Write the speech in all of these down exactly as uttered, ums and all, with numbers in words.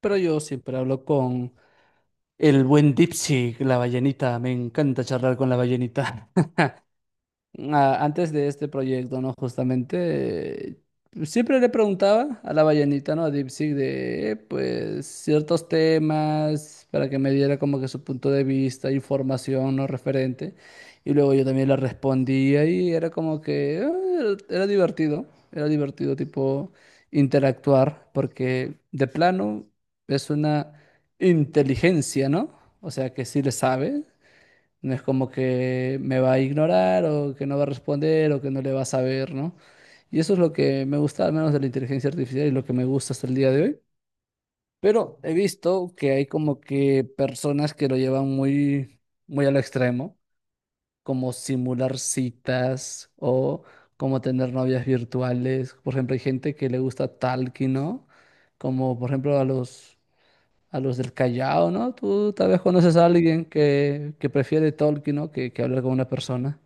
Pero yo siempre hablo con el buen Dipsy, la ballenita. Me encanta charlar con la ballenita a- antes de este proyecto, ¿no? Justamente, eh, siempre le preguntaba a la ballenita, ¿no? A DeepSeek de, eh, pues, ciertos temas para que me diera como que su punto de vista, información, ¿no? Referente. Y luego yo también le respondía y era como que, eh, era, era divertido, era divertido, tipo, interactuar, porque de plano es una inteligencia, ¿no? O sea, que sí le sabe. No es como que me va a ignorar o que no va a responder o que no le va a saber, ¿no? Y eso es lo que me gusta, al menos de la inteligencia artificial y lo que me gusta hasta el día de hoy. Pero he visto que hay como que personas que lo llevan muy, muy al extremo, como simular citas o como tener novias virtuales. Por ejemplo, hay gente que le gusta Talky, ¿no? Como por ejemplo a los a los del Callao, ¿no? Tú tal vez conoces a alguien que, que prefiere Tolkien, ¿no? Que, que hablar con una persona.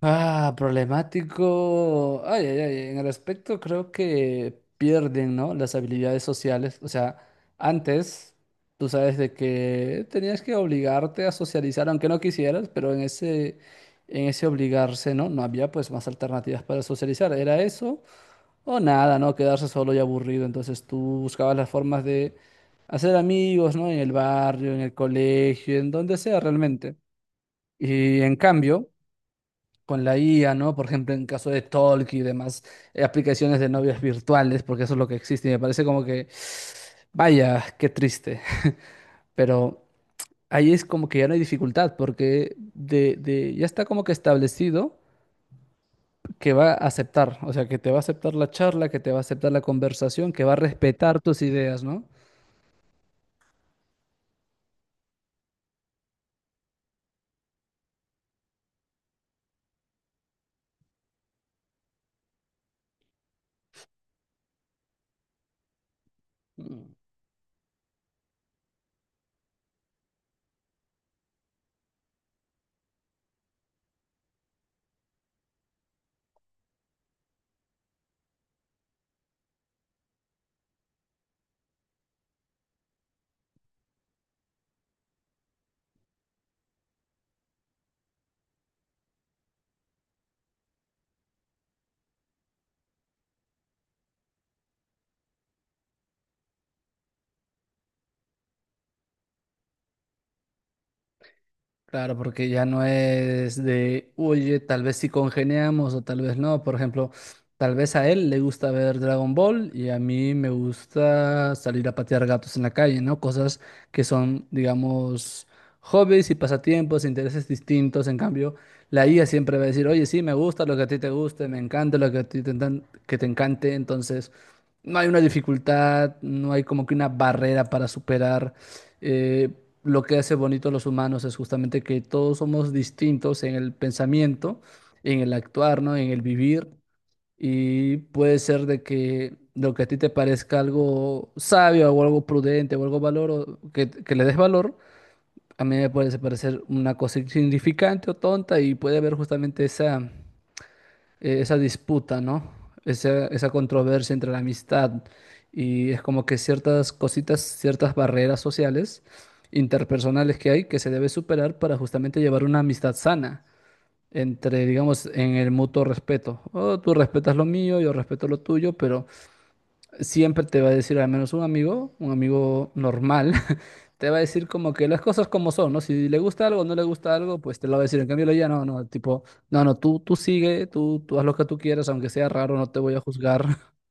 Ah, problemático. Ay, ay, ay. En el aspecto creo que pierden, ¿no? Las habilidades sociales. O sea, antes tú sabes de que tenías que obligarte a socializar, aunque no quisieras, pero en ese, en ese obligarse, ¿no? No había pues más alternativas para socializar. Era eso o nada, ¿no? Quedarse solo y aburrido. Entonces tú buscabas las formas de hacer amigos, ¿no? En el barrio, en el colegio, en donde sea realmente. Y en cambio, con la I A, ¿no? Por ejemplo, en caso de Talk y demás eh, aplicaciones de novias virtuales, porque eso es lo que existe. Y me parece como que, vaya, qué triste. Pero ahí es como que ya no hay dificultad, porque de, de, ya está como que establecido que va a aceptar, o sea, que te va a aceptar la charla, que te va a aceptar la conversación, que va a respetar tus ideas, ¿no? Mm. Claro, porque ya no es de, oye, tal vez sí congeniamos o tal vez no. Por ejemplo, tal vez a él le gusta ver Dragon Ball y a mí me gusta salir a patear gatos en la calle, ¿no? Cosas que son, digamos, hobbies y pasatiempos, intereses distintos. En cambio, la I A siempre va a decir, oye, sí, me gusta lo que a ti te guste, me encanta lo que a ti te, encan- que te encante. Entonces, no hay una dificultad, no hay como que una barrera para superar. Eh, lo que hace bonito a los humanos es justamente que todos somos distintos en el pensamiento, en el actuar, ¿no? En el vivir. Y puede ser de que lo que a ti te parezca algo sabio o algo prudente o algo valor o que, que le des valor, a mí me puede parecer una cosa insignificante o tonta y puede haber justamente esa eh, esa disputa, ¿no? Esa, esa controversia entre la amistad y es como que ciertas cositas, ciertas barreras sociales, interpersonales que hay que se debe superar para justamente llevar una amistad sana entre, digamos, en el mutuo respeto. Oh, tú respetas lo mío, yo respeto lo tuyo, pero siempre te va a decir al menos un amigo, un amigo normal, te va a decir como que las cosas como son, ¿no? Si le gusta algo o no le gusta algo, pues te lo va a decir. En cambio, ya no, no, tipo, no, no, tú, tú sigue, tú, tú haz lo que tú quieras, aunque sea raro, no te voy a juzgar.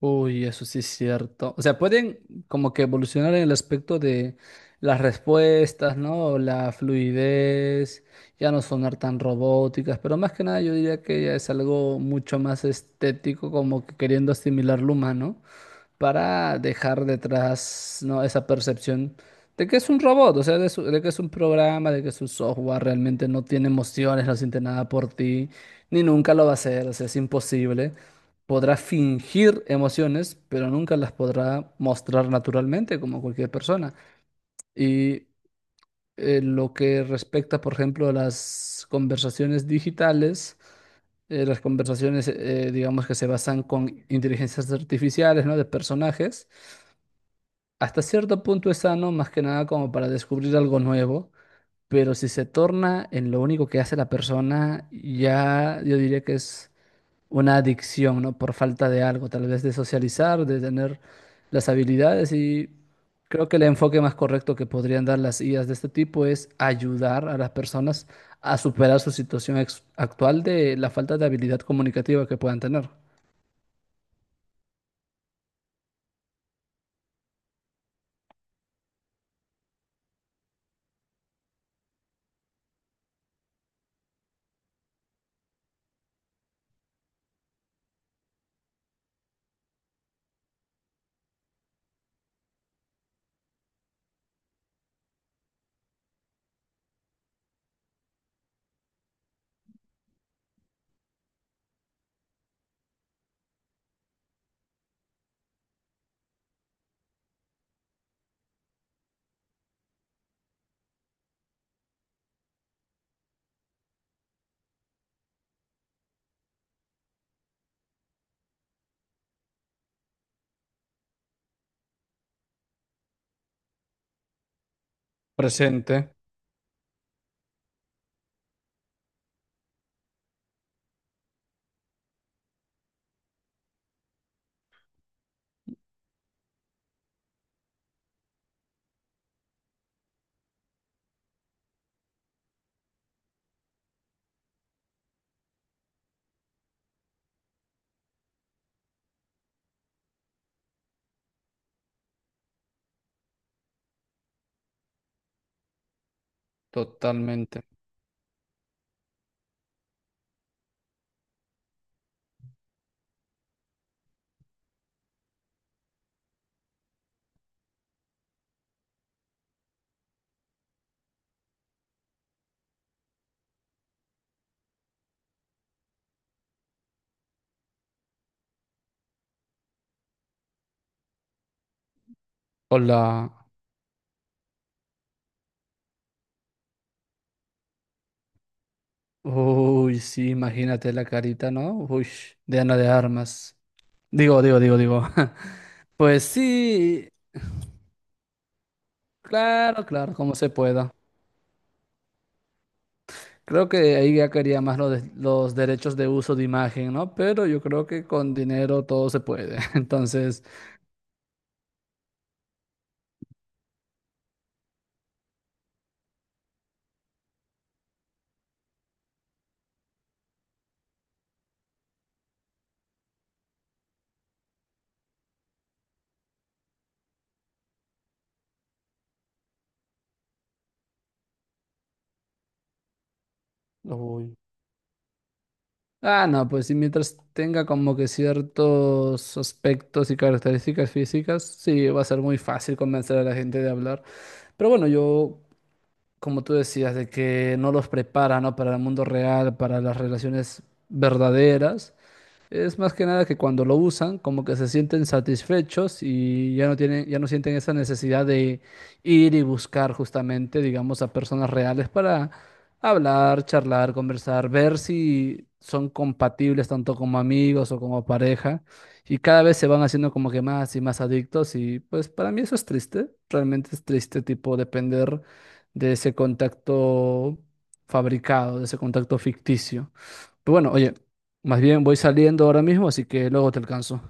Uy, eso sí es cierto. O sea, pueden como que evolucionar en el aspecto de las respuestas, ¿no? La fluidez, ya no sonar tan robóticas, pero más que nada yo diría que ya es algo mucho más estético, como que queriendo asimilar lo humano, para dejar detrás, ¿no? esa percepción de que es un robot, o sea, de, su- de que es un programa, de que es un software, realmente no tiene emociones, no siente nada por ti, ni nunca lo va a hacer, o sea, es imposible. Podrá fingir emociones, pero nunca las podrá mostrar naturalmente como cualquier persona. Y eh, lo que respecta, por ejemplo, a las conversaciones digitales, eh, las conversaciones, eh, digamos, que se basan con inteligencias artificiales, ¿no? De personajes. Hasta cierto punto es sano, más que nada como para descubrir algo nuevo, pero si se torna en lo único que hace la persona, ya yo diría que es una adicción, ¿no? Por falta de algo, tal vez de socializar, de tener las habilidades, y creo que el enfoque más correcto que podrían dar las I As de este tipo es ayudar a las personas a superar su situación ex- actual de la falta de habilidad comunicativa que puedan tener. Presente, totalmente. Hola. Uy, sí, imagínate la carita, ¿no? Uy, de Ana de Armas. Digo, digo, digo, digo. Pues sí, claro, claro, como se pueda. Creo que ahí ya quería más lo de- los derechos de uso de imagen, ¿no? Pero yo creo que con dinero todo se puede. Entonces, uy. Ah, no, pues sí, mientras tenga como que ciertos aspectos y características físicas, sí, va a ser muy fácil convencer a la gente de hablar. Pero bueno, yo como tú decías, de que no los prepara, ¿no? Para el mundo real, para las relaciones verdaderas. Es más que nada que cuando lo usan, como que se sienten satisfechos y ya no tienen, ya no sienten esa necesidad de ir y buscar justamente, digamos, a personas reales para hablar, charlar, conversar, ver si son compatibles tanto como amigos o como pareja. Y cada vez se van haciendo como que más y más adictos y pues para mí eso es triste, realmente es triste, tipo, depender de ese contacto fabricado, de ese contacto ficticio. Pero bueno, oye, más bien voy saliendo ahora mismo, así que luego te alcanzo.